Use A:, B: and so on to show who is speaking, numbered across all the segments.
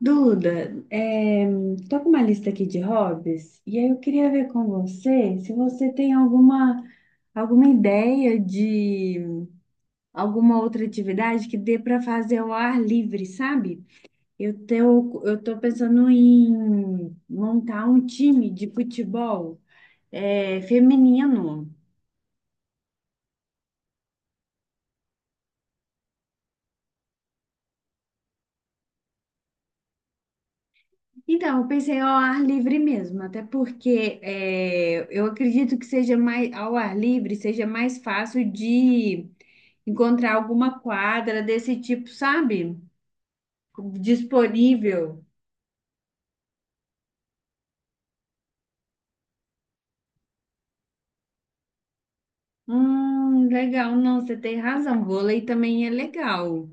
A: Duda, com uma lista aqui de hobbies e aí eu queria ver com você se você tem alguma ideia de alguma outra atividade que dê para fazer ao ar livre, sabe? Eu tô pensando em montar um time de futebol, feminino. Então, eu pensei ao ar livre mesmo, até porque eu acredito que seja mais ao ar livre, seja mais fácil de encontrar alguma quadra desse tipo, sabe? Disponível. Legal. Não, você tem razão. Vôlei também é legal.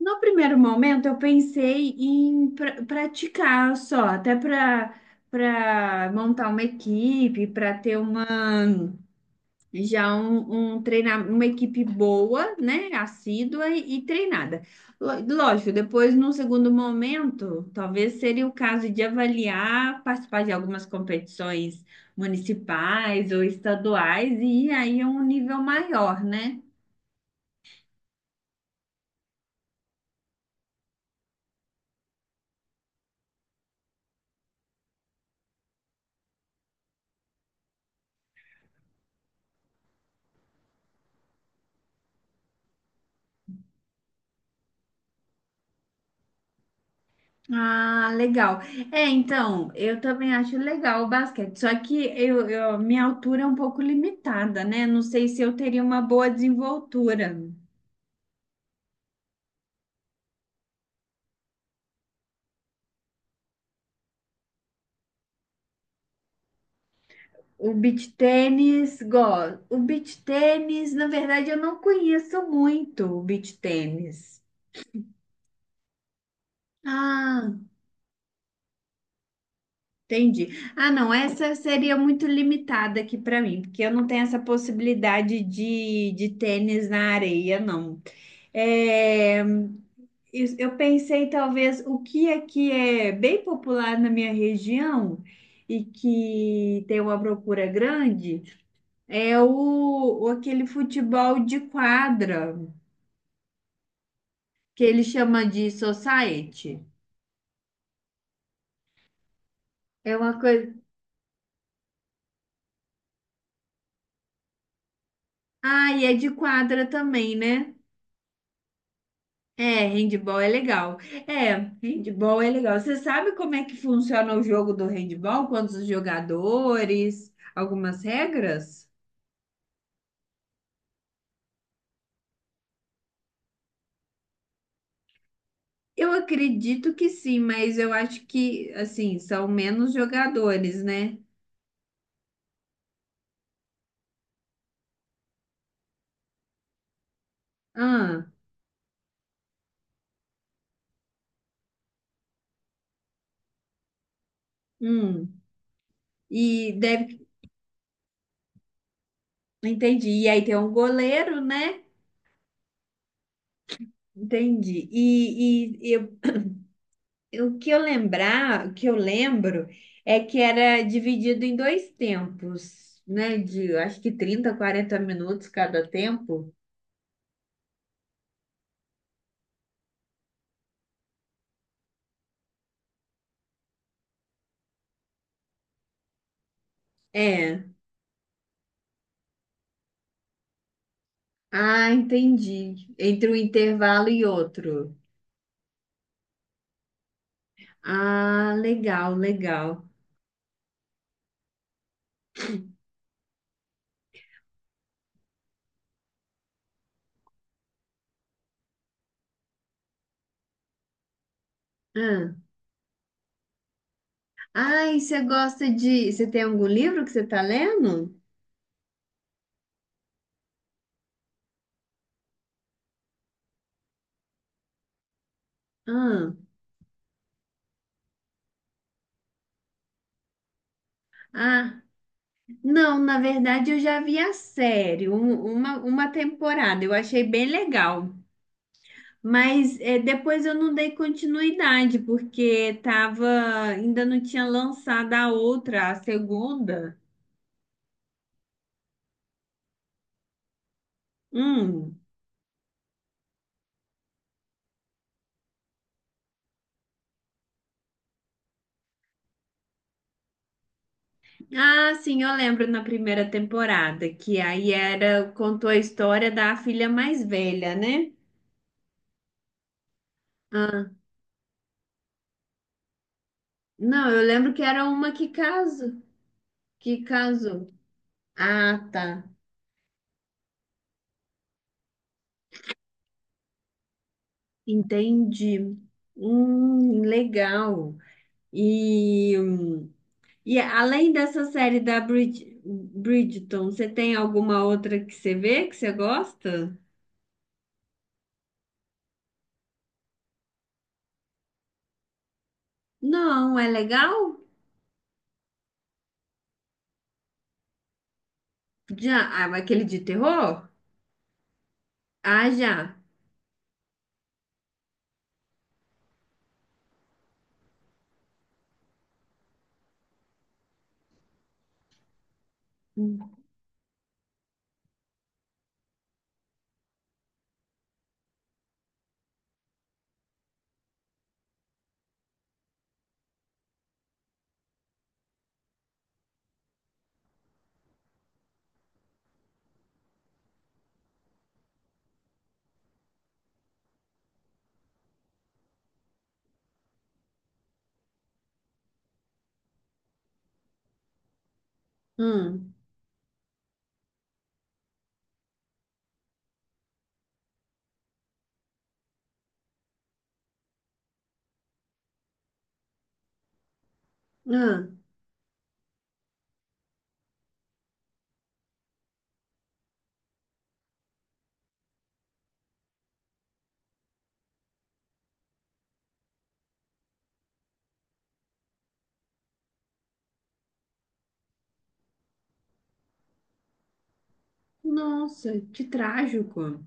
A: No primeiro momento, eu pensei em praticar só, até para montar uma equipe, para ter uma. Já um treinamento, uma equipe boa, né? Assídua e treinada. Lógico, depois, num segundo momento, talvez seria o caso de avaliar, participar de algumas competições municipais ou estaduais, e aí é um nível maior, né? Ah, legal. É, então, eu também acho legal o basquete, só que minha altura é um pouco limitada, né? Não sei se eu teria uma boa desenvoltura. O beach tênis, gosto. O beach tênis, na verdade, eu não conheço muito o beach tênis. Ah, entendi. Ah, não, essa seria muito limitada aqui para mim, porque eu não tenho essa possibilidade de, tênis na areia, não. É, eu pensei, talvez, o que aqui é bem popular na minha região e que tem uma procura grande é aquele futebol de quadra, que ele chama de society. É uma coisa. Ah, e é de quadra também, né? É, handball é legal. É, handball é legal. Você sabe como é que funciona o jogo do handball? Quantos jogadores? Algumas regras? Eu acredito que sim, mas eu acho que, assim, são menos jogadores, né? Ah, hum. E deve. Entendi. E aí tem um goleiro, né? Entendi. O que eu lembro é que era dividido em dois tempos, né? De acho que 30, 40 minutos cada tempo. É. Ah, entendi. Entre um intervalo e outro. Ah, legal, legal. Ah, ah, e você gosta de. Você tem algum livro que você está lendo? Ah, ah, não, na verdade eu já vi a série, uma temporada, eu achei bem legal. Mas é, depois eu não dei continuidade, porque tava, ainda não tinha lançado a outra, a segunda. Hum. Ah, sim, eu lembro na primeira temporada, que aí era, contou a história da filha mais velha, né? Ah, não, eu lembro que era uma que casou, que casou. Ah, tá. Entendi. Legal. E, hum, E além dessa série da Bridgerton, você tem alguma outra que você vê que você gosta? Não, é legal? Já, ah, mas aquele de terror? Ah, já. Hum, hum. Nossa, que trágico.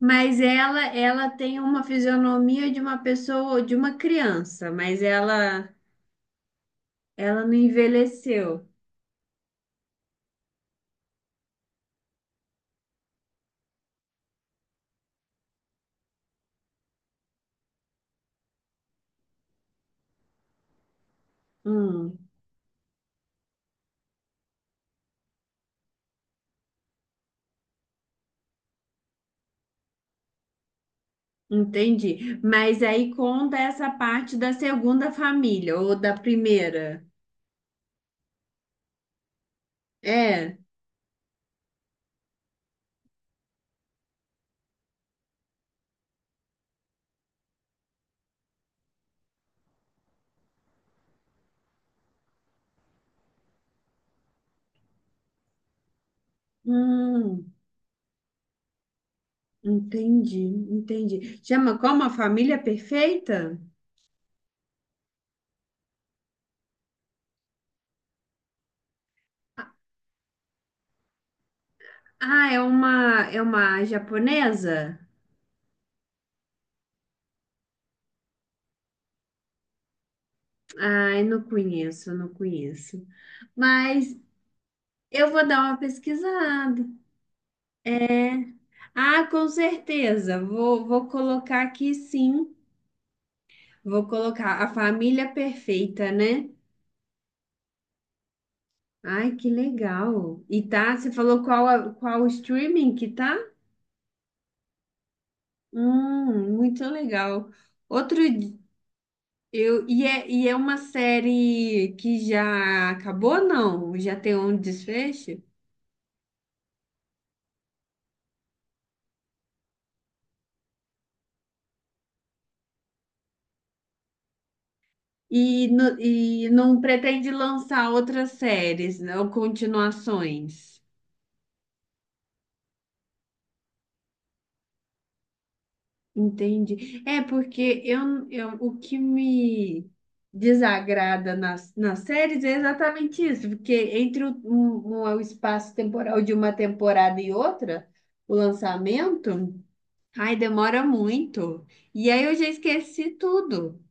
A: Mas ela tem uma fisionomia de uma pessoa, de uma criança, mas ela não envelheceu. Hum, entendi. Mas aí conta essa parte da segunda família ou da primeira. É. Hum, entendi, entendi. Chama como a família perfeita? Ah, é uma japonesa? Ai, não conheço, não conheço. Mas eu vou dar uma pesquisada, né? Ah, com certeza. Vou colocar aqui sim. Vou colocar a família perfeita, né? Ai, que legal. E tá, você falou qual o streaming que tá? Muito legal. Outro Eu, e é uma série que já acabou, não? Já tem um desfecho? E, não pretende lançar outras séries, né, ou continuações. Entendi. É porque o que me desagrada nas séries é exatamente isso, porque entre o espaço temporal de uma temporada e outra, o lançamento, ai, demora muito. E aí eu já esqueci tudo.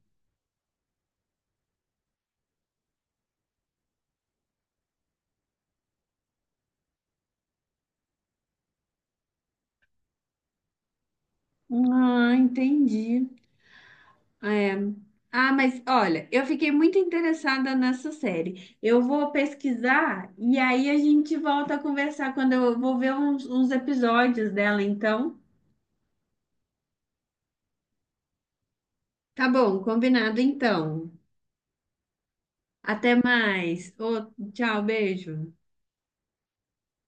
A: Ah, entendi. É. Ah, mas olha, eu fiquei muito interessada nessa série. Eu vou pesquisar e aí a gente volta a conversar quando eu vou ver uns episódios dela, então. Tá bom, combinado então. Até mais. Ô, tchau, beijo.